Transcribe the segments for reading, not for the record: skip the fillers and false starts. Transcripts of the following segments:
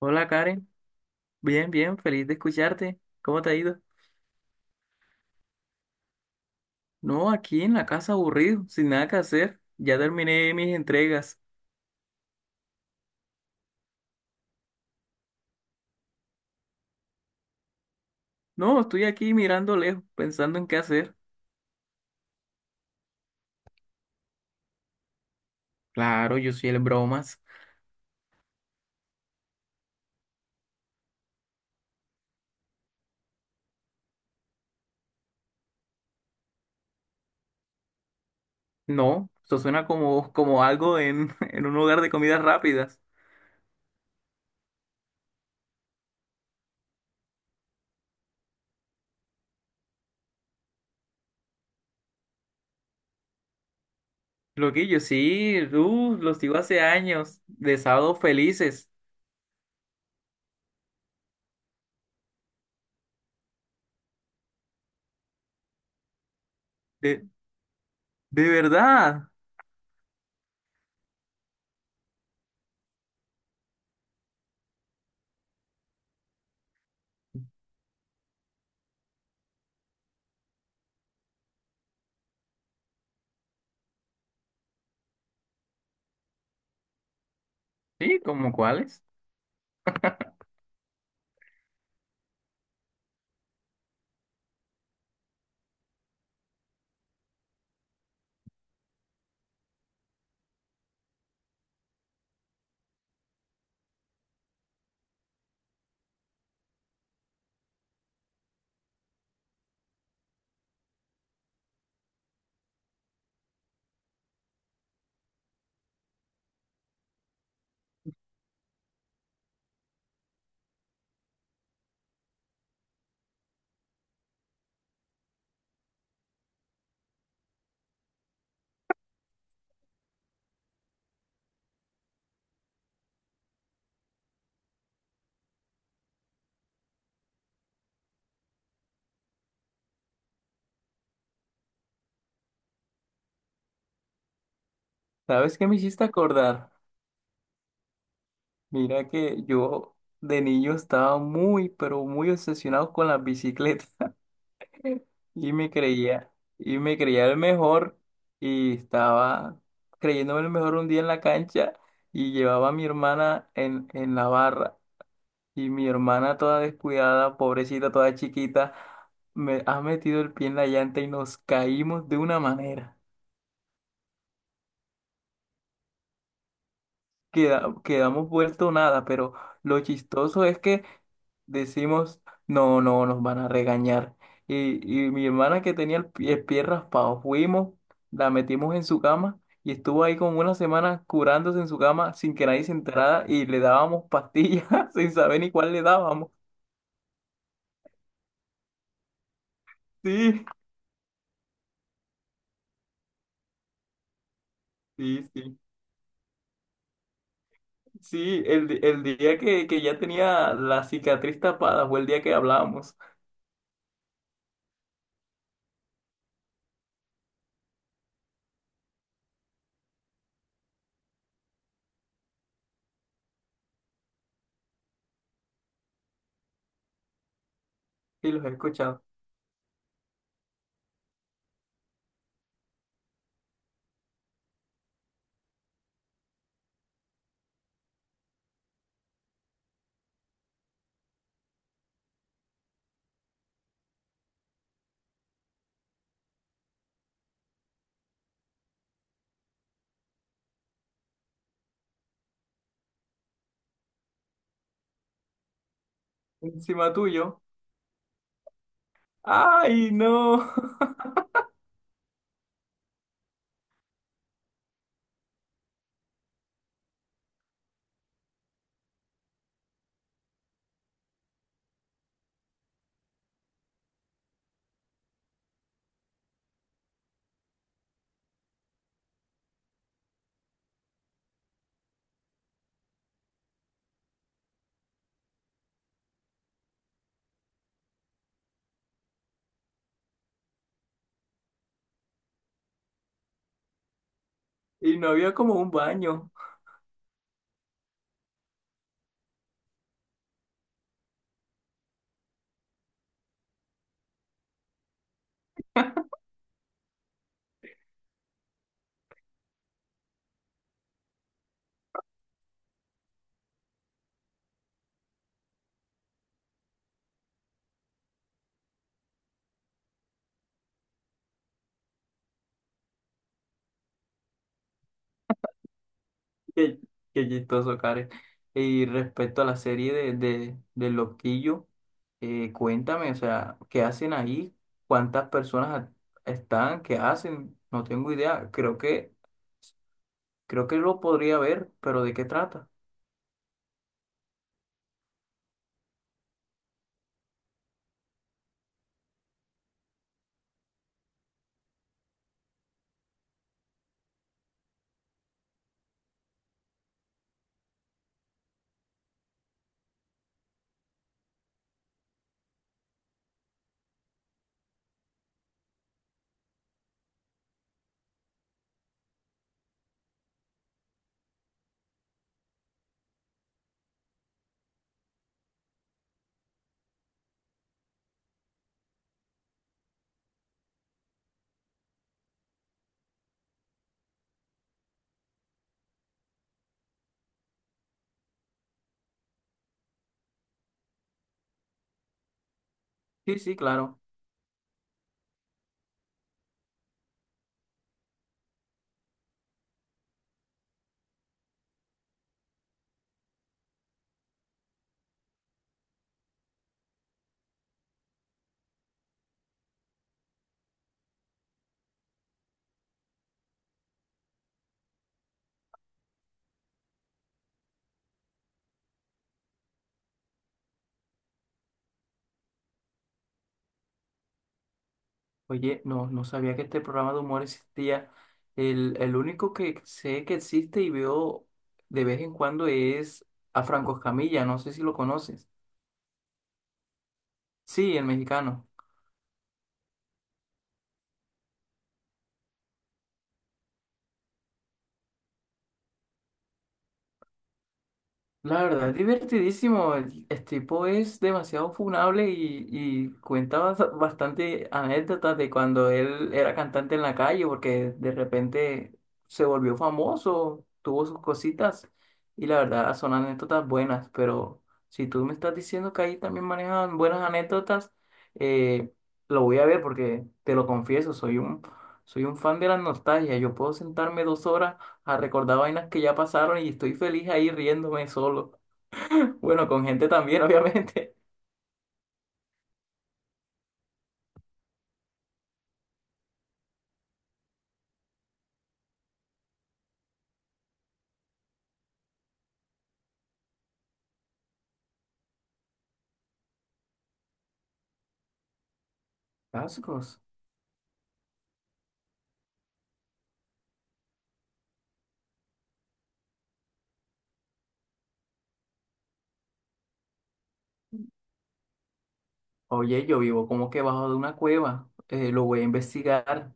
Hola Karen, bien, bien, feliz de escucharte. ¿Cómo te ha ido? No, aquí en la casa aburrido, sin nada que hacer. Ya terminé mis entregas. No, estoy aquí mirando lejos, pensando en qué hacer. Claro, yo soy el bromas. No, eso suena como, como algo en, en un lugar de comidas rápidas. Loquillo, sí, los sigo hace años, de sábados felices. De, de verdad. Sí, ¿como cuáles? ¿Sabes qué me hiciste acordar? Mira que yo de niño estaba muy, pero muy obsesionado con las bicicletas y me creía, y me creía el mejor y estaba creyéndome el mejor un día en la cancha y llevaba a mi hermana en la barra y mi hermana toda descuidada, pobrecita, toda chiquita, me ha metido el pie en la llanta y nos caímos de una manera. Quedamos vuelto nada, pero lo chistoso es que decimos, no, no, nos van a regañar. Y mi hermana que tenía el pie raspado, fuimos, la metimos en su cama y estuvo ahí como una semana curándose en su cama sin que nadie se enterara y le dábamos pastillas sin saber ni cuál le dábamos. Sí, sí, sí. Sí, el día que ya tenía la cicatriz tapada fue el día que hablábamos y los he escuchado. Encima tuyo. ¡Ay, no! Y no había como un baño. Qué, qué chistoso, Karen. Y respecto a la serie de, del Loquillo, cuéntame, o sea, ¿qué hacen ahí? ¿Cuántas personas están? ¿Qué hacen? No tengo idea. Creo que lo podría ver, pero ¿de qué trata? Sí, sí, claro. Oye, no, no sabía que este programa de humor existía. El único que sé que existe y veo de vez en cuando es a Franco Escamilla. No sé si lo conoces. Sí, el mexicano. La verdad, es divertidísimo. El- Este tipo es demasiado funable y cuenta bastante anécdotas de cuando él era cantante en la calle, porque de repente se volvió famoso, tuvo sus cositas, y la verdad son anécdotas buenas. Pero si tú me estás diciendo que ahí también manejan buenas anécdotas, eh, lo voy a ver porque te lo confieso, soy un fan de la nostalgia. Yo puedo sentarme 2 horas a recordar vainas que ya pasaron y estoy feliz ahí riéndome solo. Bueno, con gente también, obviamente. Cascos. Oye, yo vivo como que bajo de una cueva. Lo voy a investigar.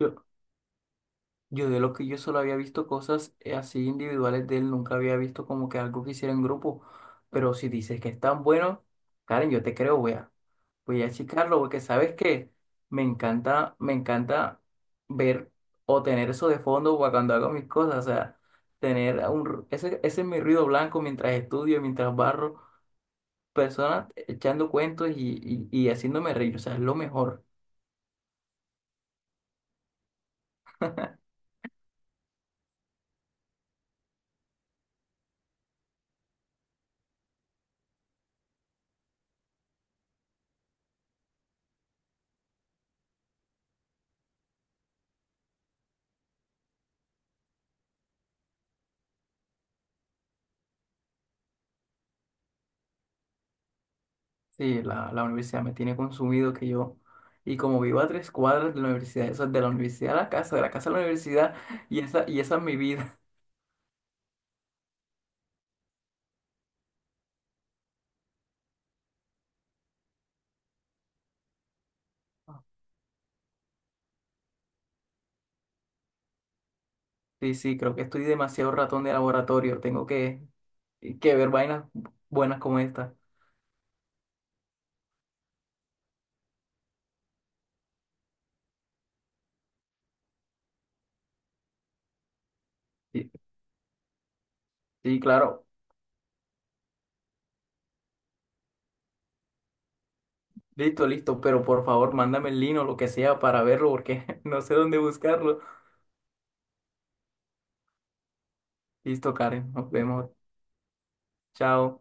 Yo, yo de lo que yo solo había visto cosas así individuales de él, nunca había visto como que algo que hiciera en grupo. Pero si dices que es tan bueno, Karen, yo te creo, wea. Voy a checarlo porque sabes que me encanta ver o tener eso de fondo para cuando hago mis cosas, o sea, tener un, ru- ese es mi ruido blanco mientras estudio, mientras barro, personas echando cuentos y haciéndome reír, o sea, es lo mejor. Sí, la universidad me tiene consumido que yo, y como vivo a 3 cuadras de la universidad, eso es de la universidad a la casa, de la casa a la universidad, y esa es mi vida. Sí, sí, creo que estoy demasiado ratón de laboratorio. Que ver vainas buenas como esta. Sí, sí, claro. Listo, listo. Pero por favor, mándame el link o lo que sea para verlo porque no sé dónde buscarlo. Listo, Karen. Nos vemos. Chao.